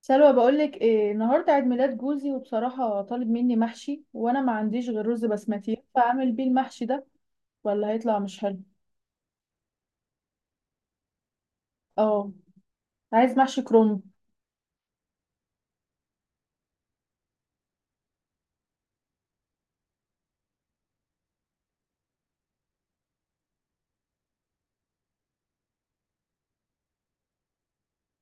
سلوى، بقولك ايه؟ النهارده عيد ميلاد جوزي وبصراحة طالب مني محشي وانا ما عنديش غير رز بسمتي، فاعمل بيه المحشي ده ولا هيطلع مش حلو؟ اه، عايز محشي كروم.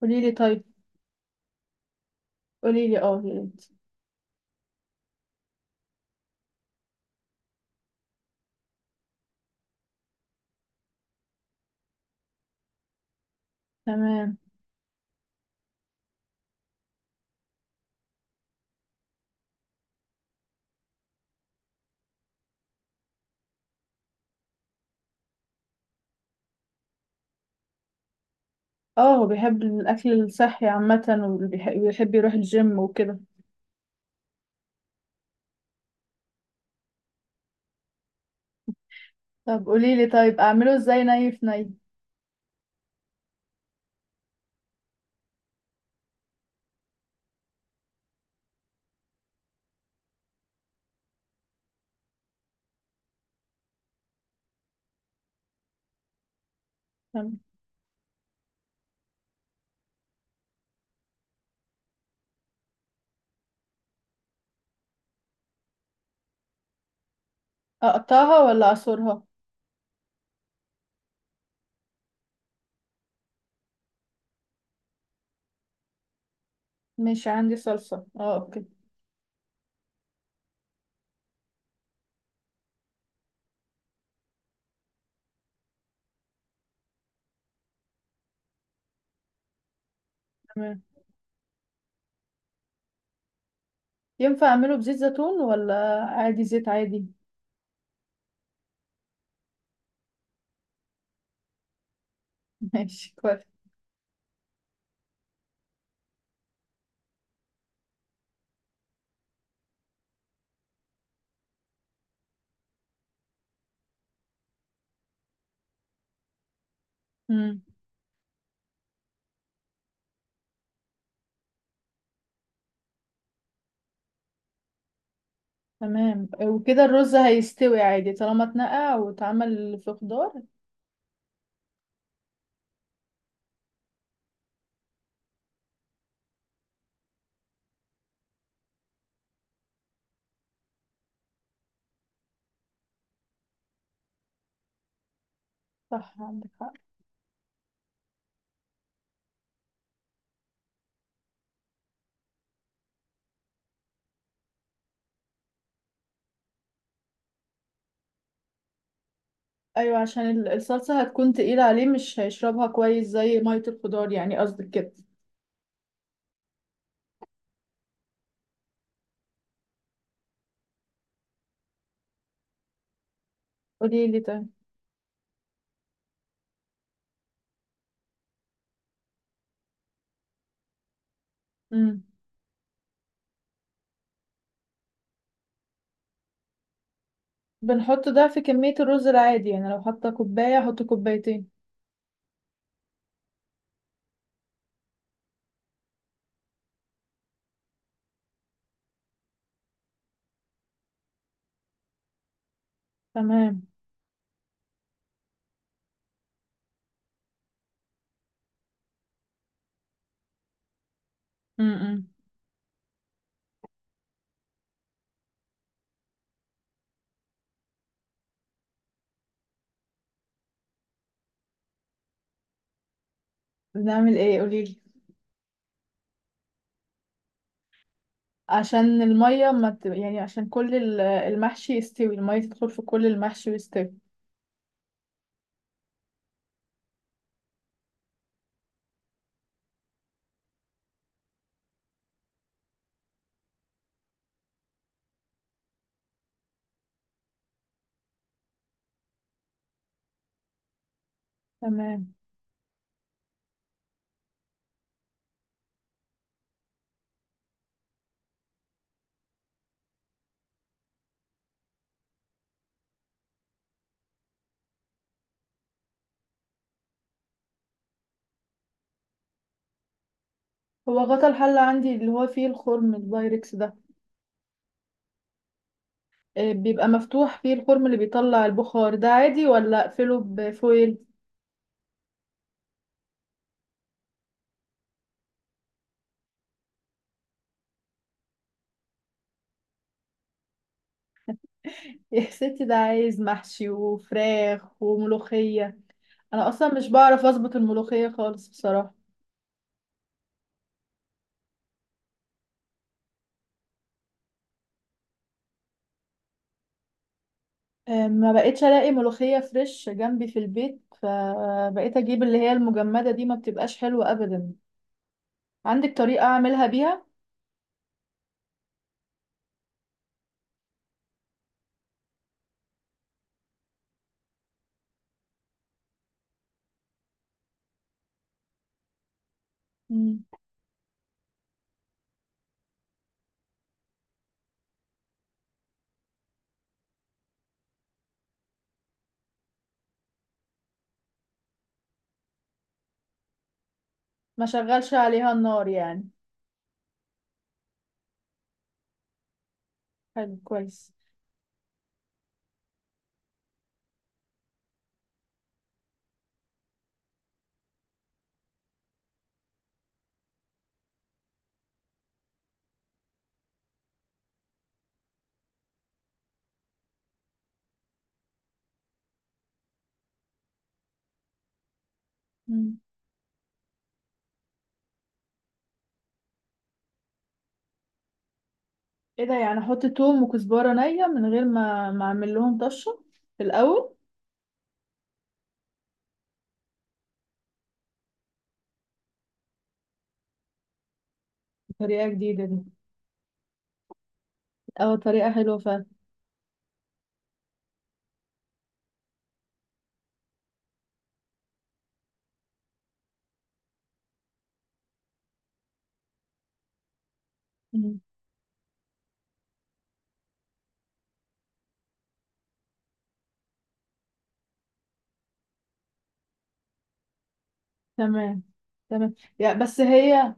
قوليلي طيب، قوليلي اه يا ريت. تمام. اه، هو بيحب الاكل الصحي عامة وبيحب يروح الجيم وكده. طب قوليلي طيب، اعمله ازاي ني في ني؟ تمام. اقطعها ولا اعصرها؟ ماشي، عندي صلصة، اه اوكي. تمام، ينفع اعمله بزيت زيتون ولا عادي زيت عادي؟ ماشي. كويس. تمام، وكده الرز هيستوي عادي طالما اتنقع واتعمل في خضار؟ صح، عندك حق. ايوه، عشان الصلصة هتكون تقيلة عليه، مش هيشربها كويس زي مية الخضار، يعني قصدك كده. قولي لي طيب. امم. بنحط ضعف كمية الرز العادي، يعني لو حاطة كوباية احط كوبايتين. تمام. امم. بنعمل ايه؟ قولي لي. عشان المية ما ت... يعني عشان كل المحشي يستوي، المية تدخل في كل المحشي ويستوي. تمام. هو غطا الحلة عندي اللي هو فيه الخرم، البايركس ده. آه، بيبقى مفتوح فيه الخرم اللي بيطلع البخار ده عادي، ولا اقفله بفويل؟ يا ستي، ده عايز محشي وفراخ وملوخية. انا اصلا مش بعرف اظبط الملوخية خالص بصراحة. آه، ما بقتش الاقي ملوخية فريش جنبي في البيت، فبقيت اجيب اللي هي المجمدة دي، ما بتبقاش حلوة ابدا. عندك طريقة اعملها بيها؟ مم. ما شغلش عليها النار يعني؟ حلو، كويس. مم. ايه ده؟ يعني احط توم وكزبرة نية من غير ما اعمل لهم طشة في الاول؟ طريقة جديدة دي. اه، طريقة حلوة فعلا. مم. تمام. تمام، يا بس هي.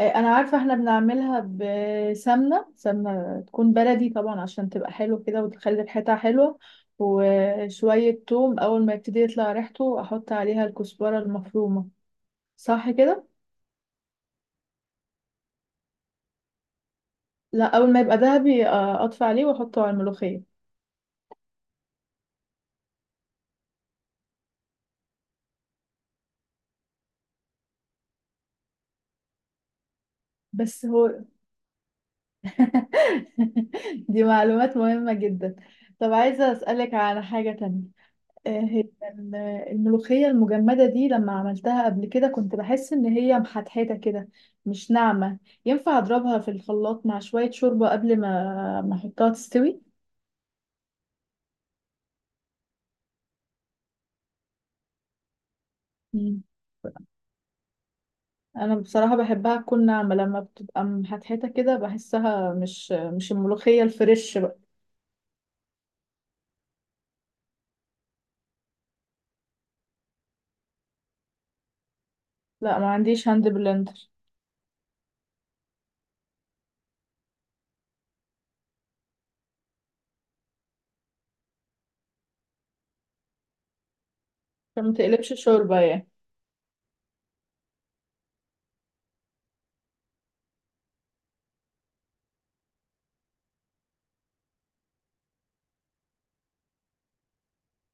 آه، انا عارفة، احنا بنعملها بسمنة، سمنة تكون بلدي طبعا عشان تبقى حلوة كده وتخلي الحتة حلوة. وشوية توم، اول ما يبتدي يطلع ريحته احط عليها الكزبرة المفرومة. صح كده. لا، اول ما يبقى ذهبي آه، اطفي عليه واحطه على الملوخية. بس هو. دي معلومات مهمة جدا. طب عايزة اسألك على حاجة تانية. آه، هي الملوخية المجمدة دي لما عملتها قبل كده كنت بحس إن هي محتحتة كده، مش ناعمة. ينفع أضربها في الخلاط مع شوية شوربة قبل ما أحطها تستوي؟ مم. أنا بصراحة بحبها تكون ناعمة، لما بتبقى محتحتة كده بحسها مش الملوخية الفريش بقى. لا، ما عنديش هاند بلندر. فما تقلبش شوربة يعني؟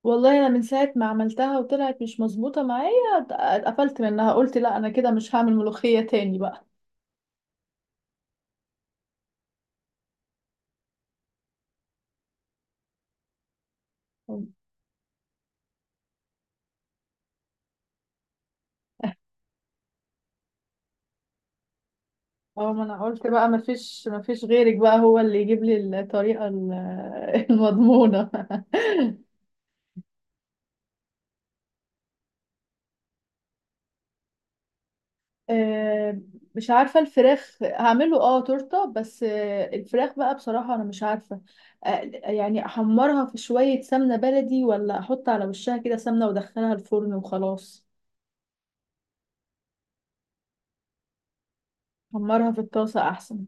والله أنا من ساعة ما عملتها وطلعت مش مظبوطة معايا، اتقفلت منها، قلت لا أنا كده مش هعمل ملوخية تاني بقى. اه، ما انا قلت بقى ما فيش غيرك بقى، هو اللي يجيب لي الطريقة المضمونة. آه، مش عارفة. الفراخ هعمله اه تورتة، بس آه، الفراخ بقى بصراحة انا مش عارفة. آه، يعني احمرها في شوية سمنة بلدي، ولا احط على وشها كده سمنة وادخلها الفرن وخلاص؟ احمرها في الطاسة احسن.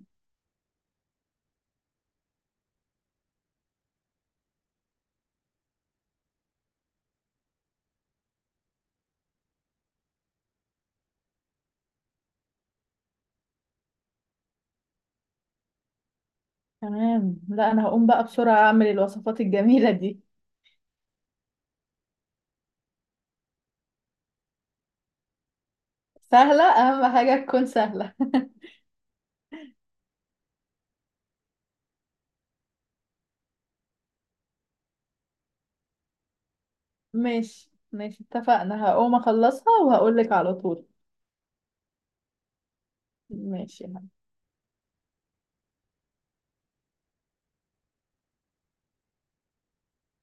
تمام، لا انا هقوم بقى بسرعة اعمل الوصفات الجميلة دي. سهلة، اهم حاجة تكون سهلة. ماشي ماشي، اتفقنا، هقوم اخلصها وهقولك على طول. ماشي.